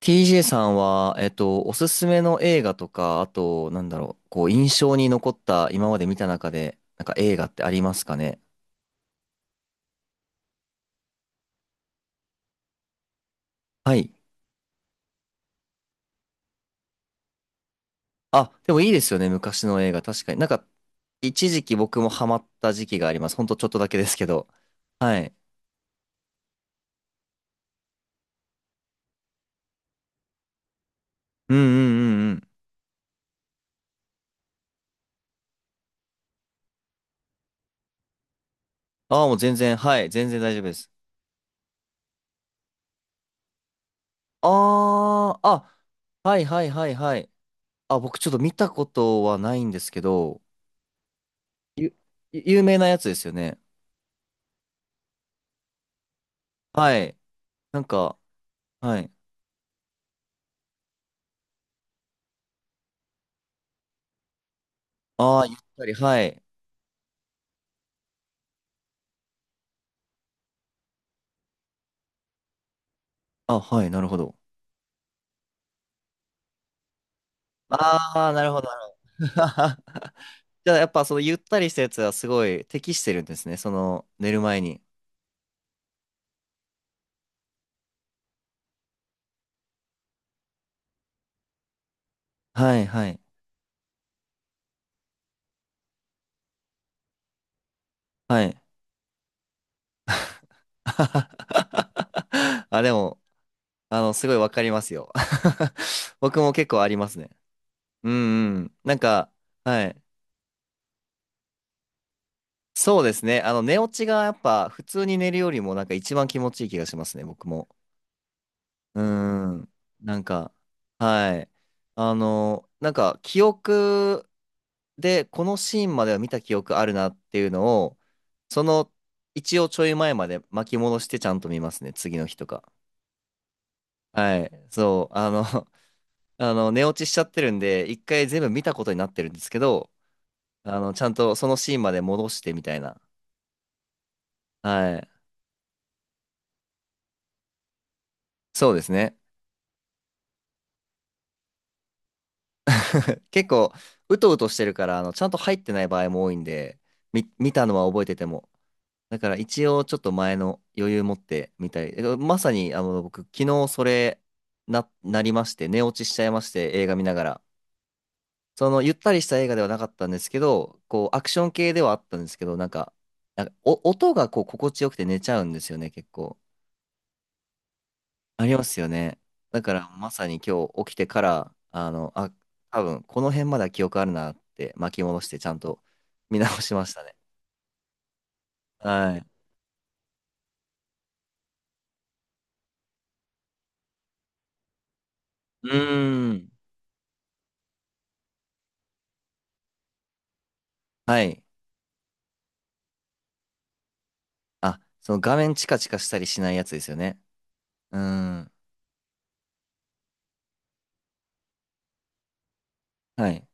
TJ さんは、おすすめの映画とか、あと、なんだろう、こう、印象に残った、今まで見た中で、なんか映画ってありますかね？はい。あ、でもいいですよね、昔の映画。確かに。なんか、一時期僕もハマった時期があります。ほんとちょっとだけですけど。はい。うんうんうんうん。ああ、もう全然、はい、全然大丈夫です。ああ、あ、はいはいはいはい。あ、僕ちょっと見たことはないんですけど、ゆ、有名なやつですよね。はい。なんか、はい。ああ、ゆったり、はい。あ、はい、なるほど。ああ、なるほど、なるほど。じゃあ、やっぱそのゆったりしたやつはすごい適してるんですね。その寝る前に。はい、はい、はい。あ、でも、すごいわかりますよ。僕も結構ありますね。うんうん。なんか、はい。そうですね。寝落ちがやっぱ普通に寝るよりもなんか一番気持ちいい気がしますね、僕も。うん。なんか、はい。なんか記憶でこのシーンまでは見た記憶あるなっていうのを、その一応ちょい前まで巻き戻してちゃんと見ますね、次の日とか。はい。そう、寝落ちしちゃってるんで、一回全部見たことになってるんですけど、ちゃんとそのシーンまで戻してみたいな。はい。そうですね。結構、うとうとしてるから、ちゃんと入ってない場合も多いんで、見たのは覚えてても。だから一応ちょっと前の余裕持ってみたい。まさに僕昨日それなりまして寝落ちしちゃいまして映画見ながら。そのゆったりした映画ではなかったんですけど、こうアクション系ではあったんですけど、なんか、なんか音がこう心地よくて寝ちゃうんですよね、結構。ありますよね。だからまさに今日起きてから、多分この辺までは記憶あるなって巻き戻してちゃんと見直しましたね。はい。うーん。はい。あ、その画面チカチカしたりしないやつですよね。うん。はい。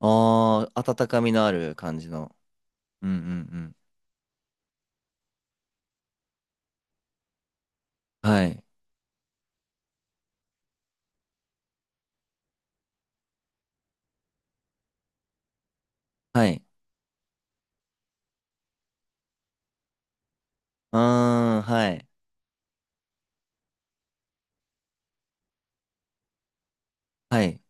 ああ、温かみのある感じの。うんうんうん。はい。はい。うーん、はい。はい。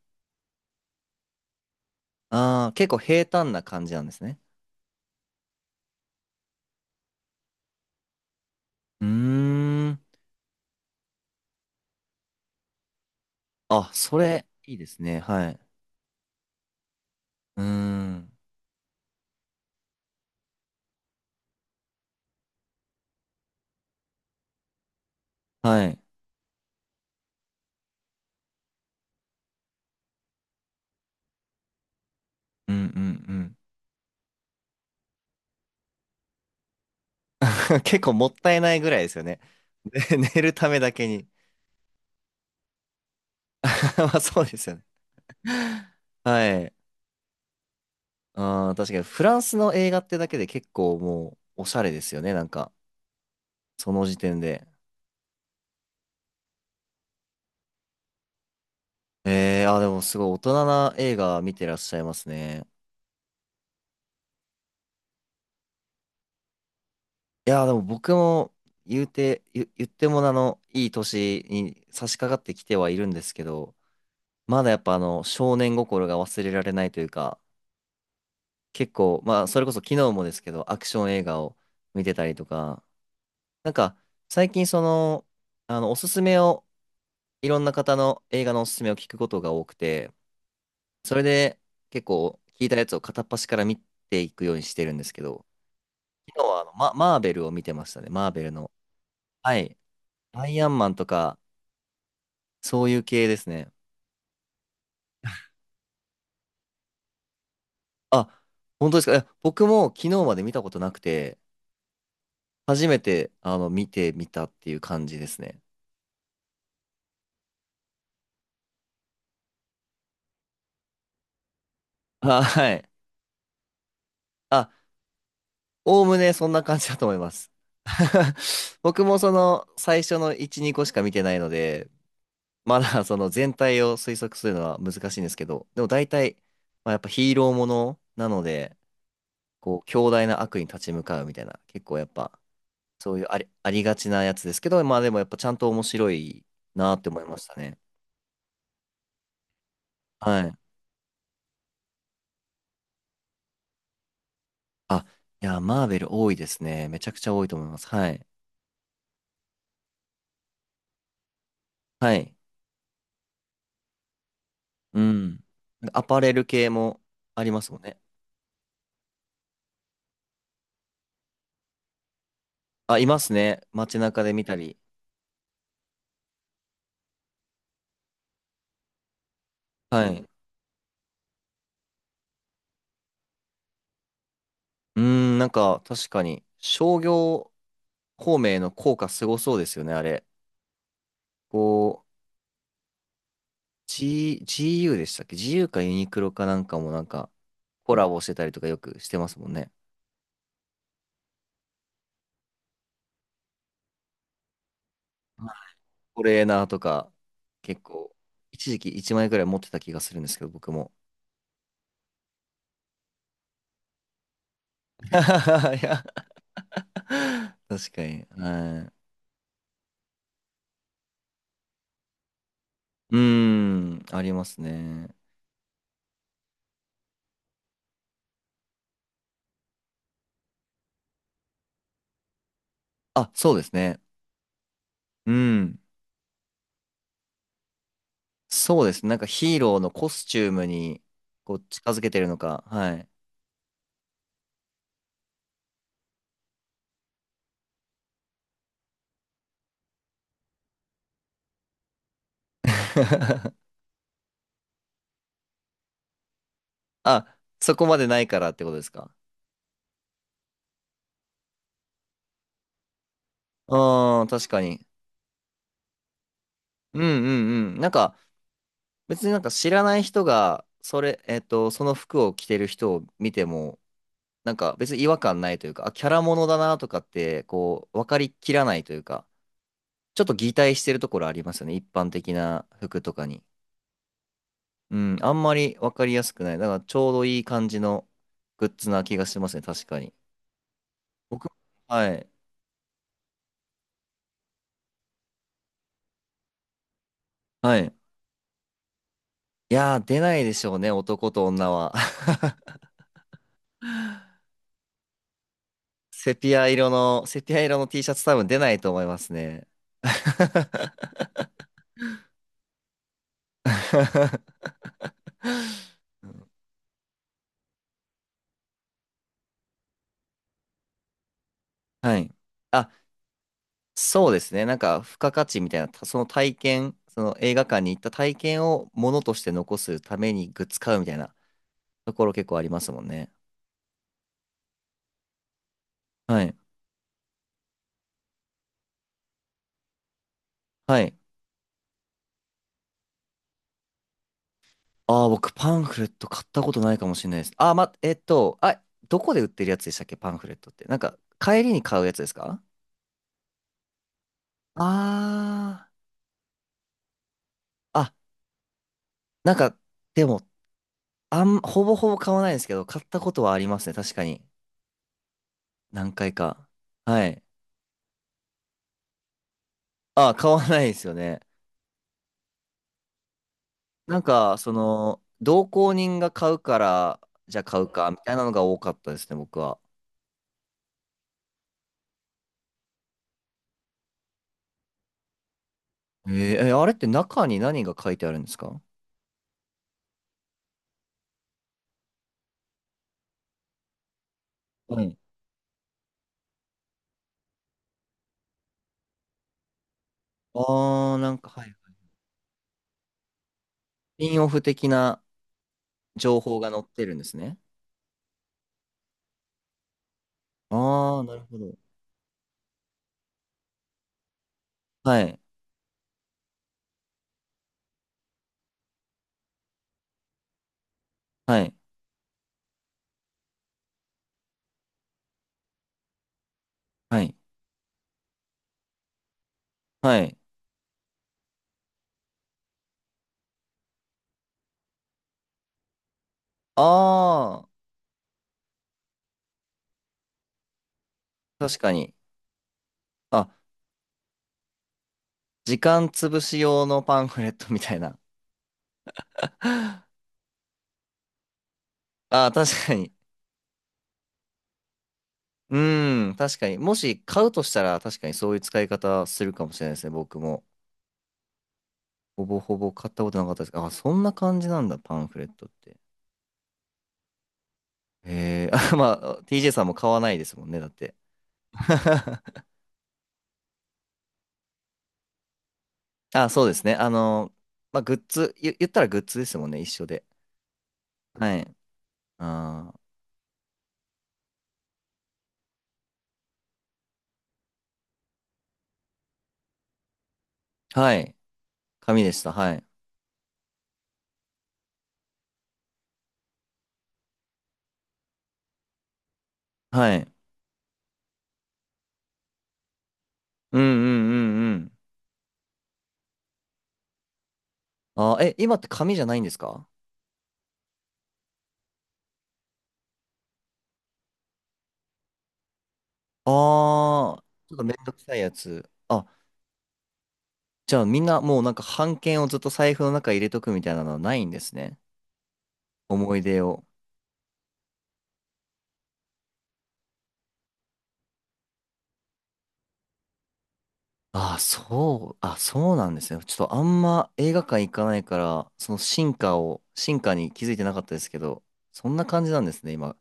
ああ、結構平坦な感じなんですね。うーん。あ、それ、いいですね。はい。うーん。はい。うんうんうん。結構もったいないぐらいですよね。ね寝るためだけに。まあそうですよね。はい。ああ、確かにフランスの映画ってだけで結構もうおしゃれですよね、なんか、その時点で。ええー、あー、でもすごい大人な映画見てらっしゃいますね。いやー、でも僕も言ってもいい年に差し掛かってきてはいるんですけど、まだやっぱ少年心が忘れられないというか、結構、まあ、それこそ昨日もですけど、アクション映画を見てたりとか、なんか、最近おすすめを、いろんな方の映画のおすすめを聞くことが多くて、それで結構聞いたやつを片っ端から見ていくようにしてるんですけど、昨日はマーベルを見てましたね。マーベルの。はい。アイアンマンとか、そういう系ですね。あ、本当ですか。僕も昨日まで見たことなくて、初めて見てみたっていう感じですね。あ、はい。あ、おおむねそんな感じだと思います。僕もその最初の1、2個しか見てないので、まだその全体を推測するのは難しいんですけど、でも大体、まあ、やっぱヒーローものなので、こう、強大な悪に立ち向かうみたいな、結構やっぱ、そういうありがちなやつですけど、まあでもやっぱちゃんと面白いなって思いましたね。はい。あ、いや、マーベル多いですね。めちゃくちゃ多いと思います。はい。はい。うん。アパレル系もありますもんね。あ、いますね。街中で見たり。はい。うーん、なんか確かに商業孔明の効果すごそうですよね、あれ。こう、GU でしたっけ？ GU かユニクロかなんかもなんかコラボしてたりとかよくしてますもんね。トレーナーとか結構一時期1円くらい持ってた気がするんですけど、僕も。いや、確かに。はい。うーん、ありますね。あ、そうですね。うん。そうですね。なんかヒーローのコスチュームにこう近づけてるのか。はい。あ、そこまでないからってことですか。うん、確かに。うんうんうん。なんか、別になんか知らない人が、それ、えっと、その服を着てる人を見ても、なんか別に違和感ないというか、あ、キャラものだなとかって、こう、分かりきらないというか、ちょっと擬態してるところありますよね。一般的な服とかに。うん、あんまり分かりやすくない。だからちょうどいい感じのグッズな気がしますね。確かに。僕、はい。はい。いやー、出ないでしょうね、男と女は。セピア色の T シャツ多分出ないと思いますね。はい。あ、そうですね。なんか、付加価値みたいな、その体験、その映画館に行った体験をものとして残すためにグッズ買うみたいなところ結構ありますもんね。はい。はい。ああ、僕、パンフレット買ったことないかもしれないです。どこで売ってるやつでしたっけ、パンフレットって。なんか、帰りに買うやつですか？ああー、あ、なんか、でも、ほぼほぼ買わないですけど、買ったことはありますね。確かに。何回か。はい。あ、買わないですよね。なんか、その、同行人が買うから、じゃあ買うか、みたいなのが多かったですね、僕は。えーえあれって中に何が書いてあるんですか？はい。あー、なんか、はい。ピンオフ的な情報が載ってるんですね。あー、なるほど。はい。はい。はい。はい。あー、確かに。あ、時間潰し用のパンフレットみたいな。ああ、確かに。うん、確かに。もし買うとしたら、確かにそういう使い方するかもしれないですね、僕も。ほぼほぼ買ったことなかったです。あ、そんな感じなんだ、パンフレットって。ええあ、まあ、TJ さんも買わないですもんね、だって。あ、そうですね。まあ、グッズ、言ったらグッズですもんね、一緒で。はい。あー、はい。紙でした、はい。はい。うんうんうんうん。あー、え、今って紙じゃないんですか？ああー、ちょっとめんどくさいやつ。じゃあみんなもうなんか半券をずっと財布の中に入れとくみたいなのはないんですね。思い出を。ああ、そう、あ、そうなんですね。ちょっとあんま映画館行かないから、その進化に気づいてなかったですけど、そんな感じなんですね、今。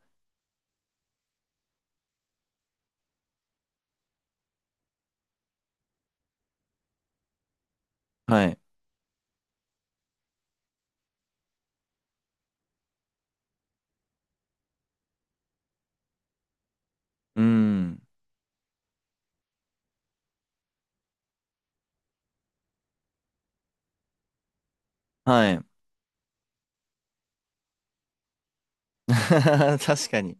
はい。うーん。はい。確かに。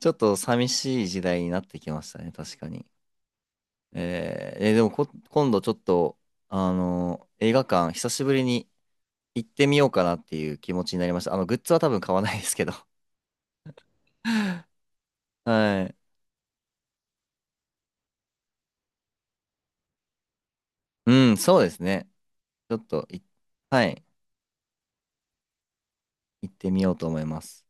ちょっと寂しい時代になってきましたね、確かに。でも今度ちょっと、映画館、久しぶりに行ってみようかなっていう気持ちになりました。グッズは多分買わないですけど。はい。うん、そうですね。ちょっとい、はい、行ってみようと思います。